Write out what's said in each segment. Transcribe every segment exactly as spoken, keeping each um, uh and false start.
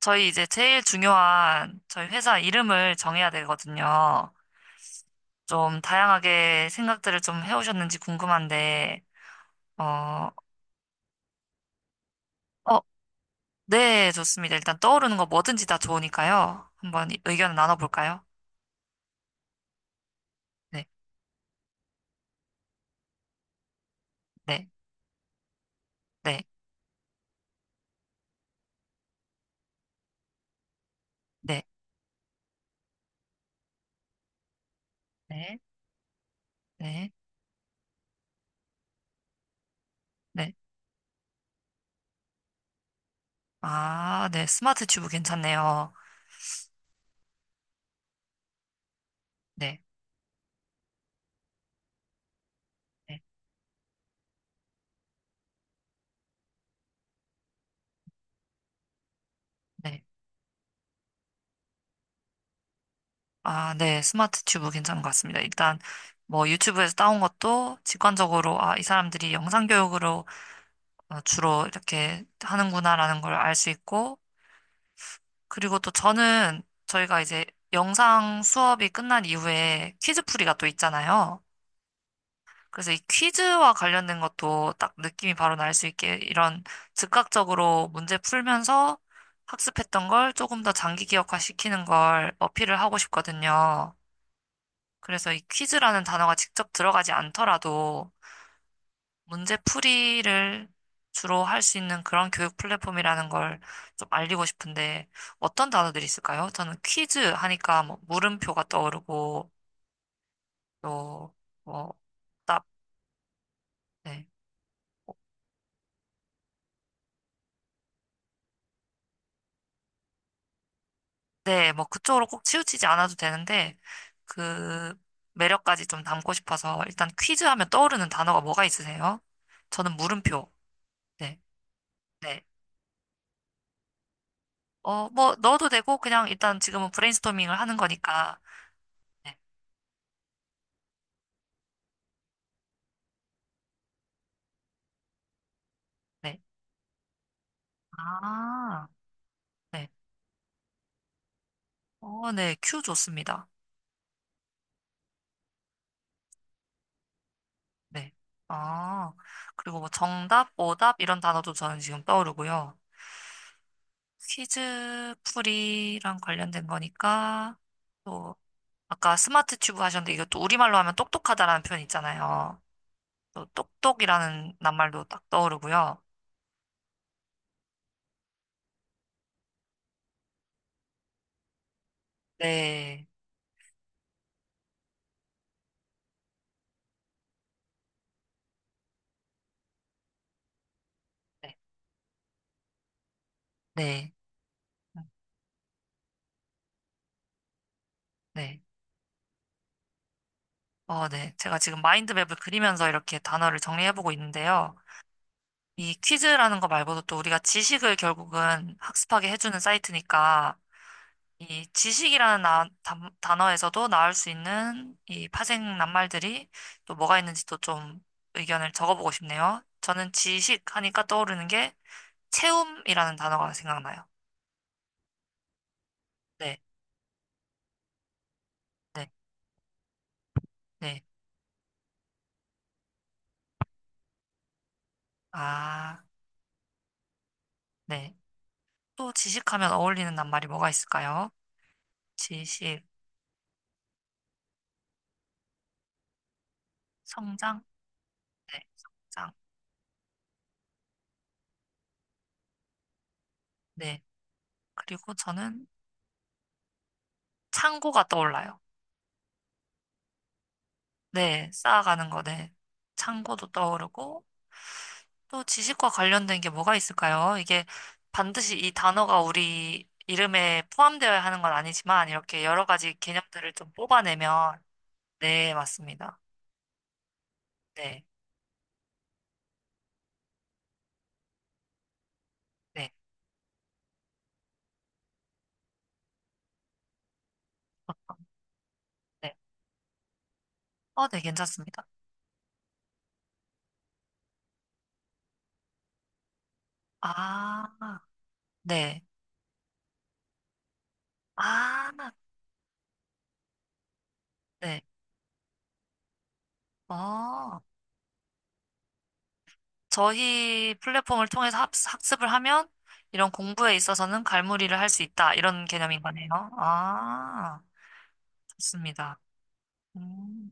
저희 이제 제일 중요한 저희 회사 이름을 정해야 되거든요. 좀 다양하게 생각들을 좀 해오셨는지 궁금한데, 어, 어, 네, 좋습니다. 일단 떠오르는 거 뭐든지 다 좋으니까요. 한번 이- 의견을 나눠볼까요? 네, 네, 네, 네, 네, 네, 네. 아, 네, 스마트 튜브 괜찮네요. 네, 네, 네. 아, 네, 스마트 튜브 괜찮은 것 같습니다. 일단 뭐 유튜브에서 따온 것도 직관적으로, 아, 이 사람들이 영상 교육으로 어, 주로 이렇게 하는구나라는 걸 알 수 있고, 그리고 또 저는 저희가 이제 영상 수업이 끝난 이후에 퀴즈풀이가 또 있잖아요. 그래서 이 퀴즈와 관련된 것도 딱 느낌이 바로 날 수 있게 이런 즉각적으로 문제 풀면서 학습했던 걸 조금 더 장기 기억화 시키는 걸 어필을 하고 싶거든요. 그래서 이 퀴즈라는 단어가 직접 들어가지 않더라도 문제풀이를 주로 할 수 있는 그런 교육 플랫폼이라는 걸 좀 알리고 싶은데 어떤 단어들이 있을까요? 저는 퀴즈 하니까 뭐 물음표가 떠오르고 또뭐 답, 네. 네, 뭐 그쪽으로 꼭 치우치지 않아도 되는데 그 매력까지 좀 담고 싶어서 일단 퀴즈 하면 떠오르는 단어가 뭐가 있으세요? 저는 물음표. 네. 네. 어, 뭐 넣어도 되고 그냥 일단 지금은 브레인스토밍을 하는 거니까. 네. 네. 아. 네. 어, 네, 큐 좋습니다. 네. 아, 그리고 뭐 정답, 오답 이런 단어도 저는 지금 떠오르고요. 퀴즈 풀이랑 관련된 거니까 또 아까 스마트 튜브 하셨는데 이것도 우리말로 하면 똑똑하다라는 표현 있잖아요. 또 똑똑이라는 낱말도 딱 떠오르고요. 네. 네. 네. 음, 네. 어, 네. 제가 지금 마인드맵을 그리면서 이렇게 단어를 정리해보고 있는데요. 이 퀴즈라는 거 말고도 또 우리가 지식을 결국은 학습하게 해주는 사이트니까 이 지식이라는 나- 단- 단어에서도 나올 수 있는 이 파생 낱말들이 또 뭐가 있는지 또 좀 의견을 적어보고 싶네요. 저는 지식 하니까 떠오르는 게 체움이라는 단어가 생각나요. 네, 네, 네. 아, 네. 또 지식하면 어울리는 낱말이 뭐가 있을까요? 지식, 성장, 네, 성장, 네. 그리고 저는 창고가 떠올라요. 네, 쌓아가는 거, 네. 창고도 떠오르고, 또 지식과 관련된 게 뭐가 있을까요? 이게 반드시 이 단어가 우리 이름에 포함되어야 하는 건 아니지만 이렇게 여러 가지 개념들을 좀 뽑아내면 네, 맞습니다. 네, 네, 어, 네, 어, 네, 괜찮습니다. 아, 네, 아, 네, 어, 저희 플랫폼을 통해서 학- 학습을 하면 이런 공부에 있어서는 갈무리를 할 수 있다 이런 개념인 거네요. 아, 좋습니다. 음.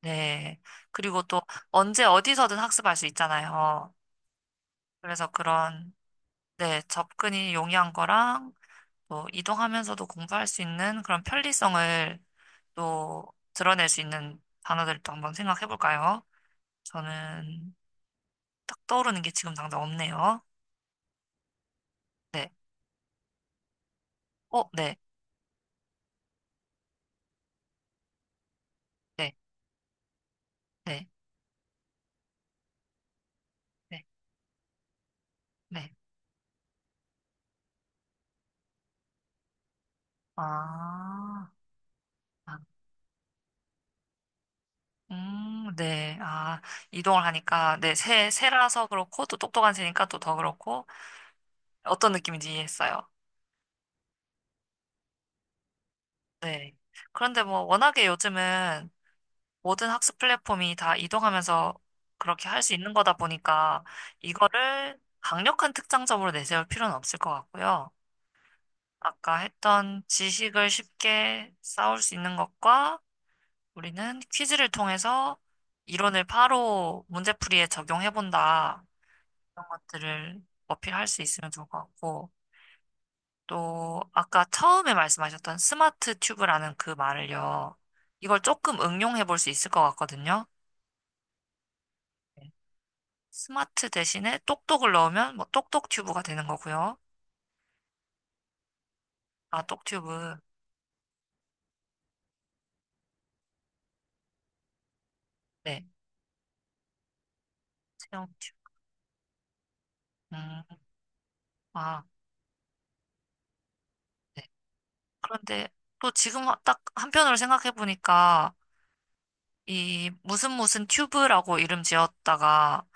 네. 그리고 또 언제 어디서든 학습할 수 있잖아요. 그래서 그런, 네, 접근이 용이한 거랑 또 이동하면서도 공부할 수 있는 그런 편리성을 또 드러낼 수 있는 단어들도 한번 생각해 볼까요? 저는 딱 떠오르는 게 지금 당장 없네요. 네. 어, 네. 네. 네. 네. 네. 아. 아, 음, 네. 아, 이동을 하니까, 네, 새, 새라서 그렇고, 또 똑똑한 새니까 또 더 그렇고, 어떤 느낌인지 이해했어요. 네. 그런데 뭐 워낙에 요즘은 모든 학습 플랫폼이 다 이동하면서 그렇게 할 수 있는 거다 보니까 이거를 강력한 특장점으로 내세울 필요는 없을 것 같고요. 아까 했던 지식을 쉽게 쌓을 수 있는 것과 우리는 퀴즈를 통해서 이론을 바로 문제풀이에 적용해 본다. 것들을 어필할 수 있으면 좋을 것 같고. 또 아까 처음에 말씀하셨던 스마트 튜브라는 그 말을요. 이걸 조금 응용해 볼 수 있을 것 같거든요. 네. 스마트 대신에 똑똑을 넣으면 뭐 똑똑 튜브가 되는 거고요. 아, 똑 튜브. 네. 체형 튜브. 음, 아, 네. 그런데 또 지금 딱 한편으로 생각해 보니까 이 무슨 무슨 튜브라고 이름 지었다가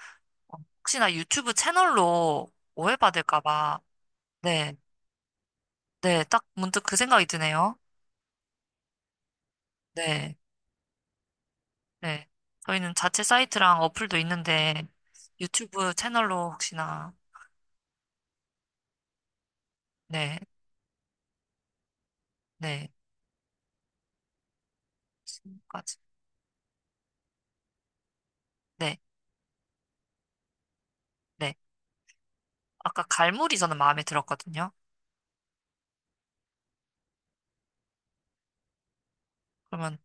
어, 혹시나 유튜브 채널로 오해받을까 봐. 네. 네. 딱 문득 그 생각이 드네요. 네. 네. 저희는 자체 사이트랑 어플도 있는데 유튜브 채널로 혹시나 네, 네. 지금까지. 네, 네. 아까 갈무리 저는 마음에 들었거든요. 그러면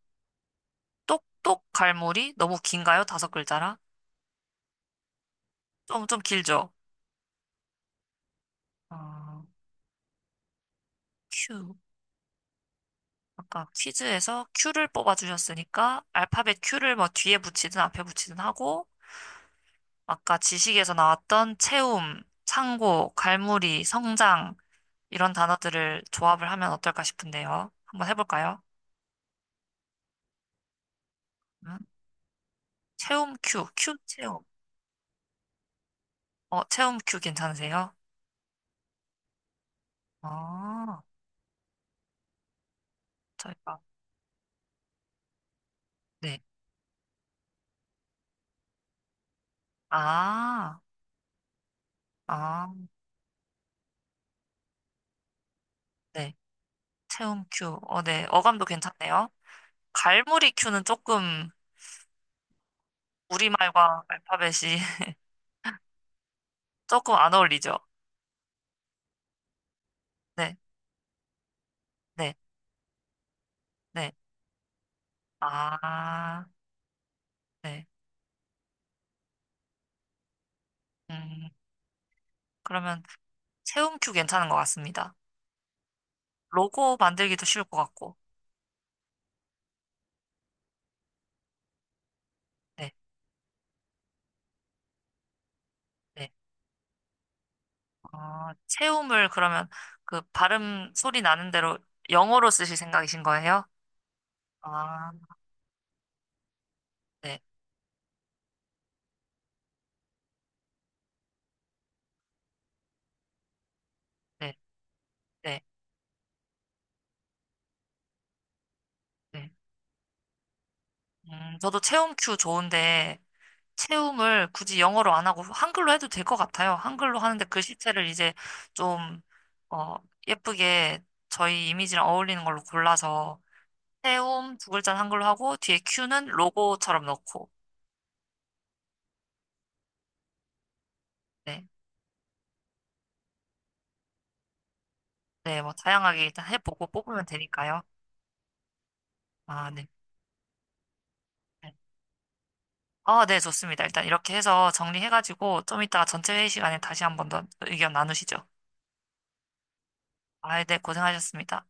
똑똑 갈무리 너무 긴가요? 다섯 글자라? 좀, 좀 길죠? 어, 큐. 아까 퀴즈에서 Q를 뽑아주셨으니까 알파벳 Q를 뭐 뒤에 붙이든 앞에 붙이든 하고 아까 지식에서 나왔던 채움, 창고, 갈무리, 성장 이런 단어들을 조합을 하면 어떨까 싶은데요. 한번 해볼까요? 음, 체험 큐, 큐 체험. 어, 체험 큐 괜찮으세요? 아, 저희가, 네. 아, 아, 네. 체험 큐. 어, 네. 어감도 괜찮네요. 갈무리 큐는 조금 우리말과 알파벳이 조금 안 어울리죠? 네, 네, 네. 아, 네. 음, 그러면 체험 큐 괜찮은 것 같습니다. 로고 만들기도 쉬울 것 같고. 네. 네. 아, 채움을 그러면 그 발음 소리 나는 대로 영어로 쓰실 생각이신 거예요? 아, 네, 네, 네, 네. 음, 저도 채움 큐 좋은데 채움을 굳이 영어로 안 하고 한글로 해도 될 것 같아요. 한글로 하는데 글씨체를 이제 좀 어, 예쁘게 저희 이미지랑 어울리는 걸로 골라서 채움 두 글자는 한글로 하고 뒤에 큐는 로고처럼 넣고 네, 네, 뭐 다양하게 일단 해보고 뽑으면 되니까요. 아, 네. 네. 아, 네, 좋습니다. 일단 이렇게 해서 정리해가지고 좀 이따가 전체 회의 시간에 다시 한 번 더 의견 나누시죠. 아, 네, 고생하셨습니다.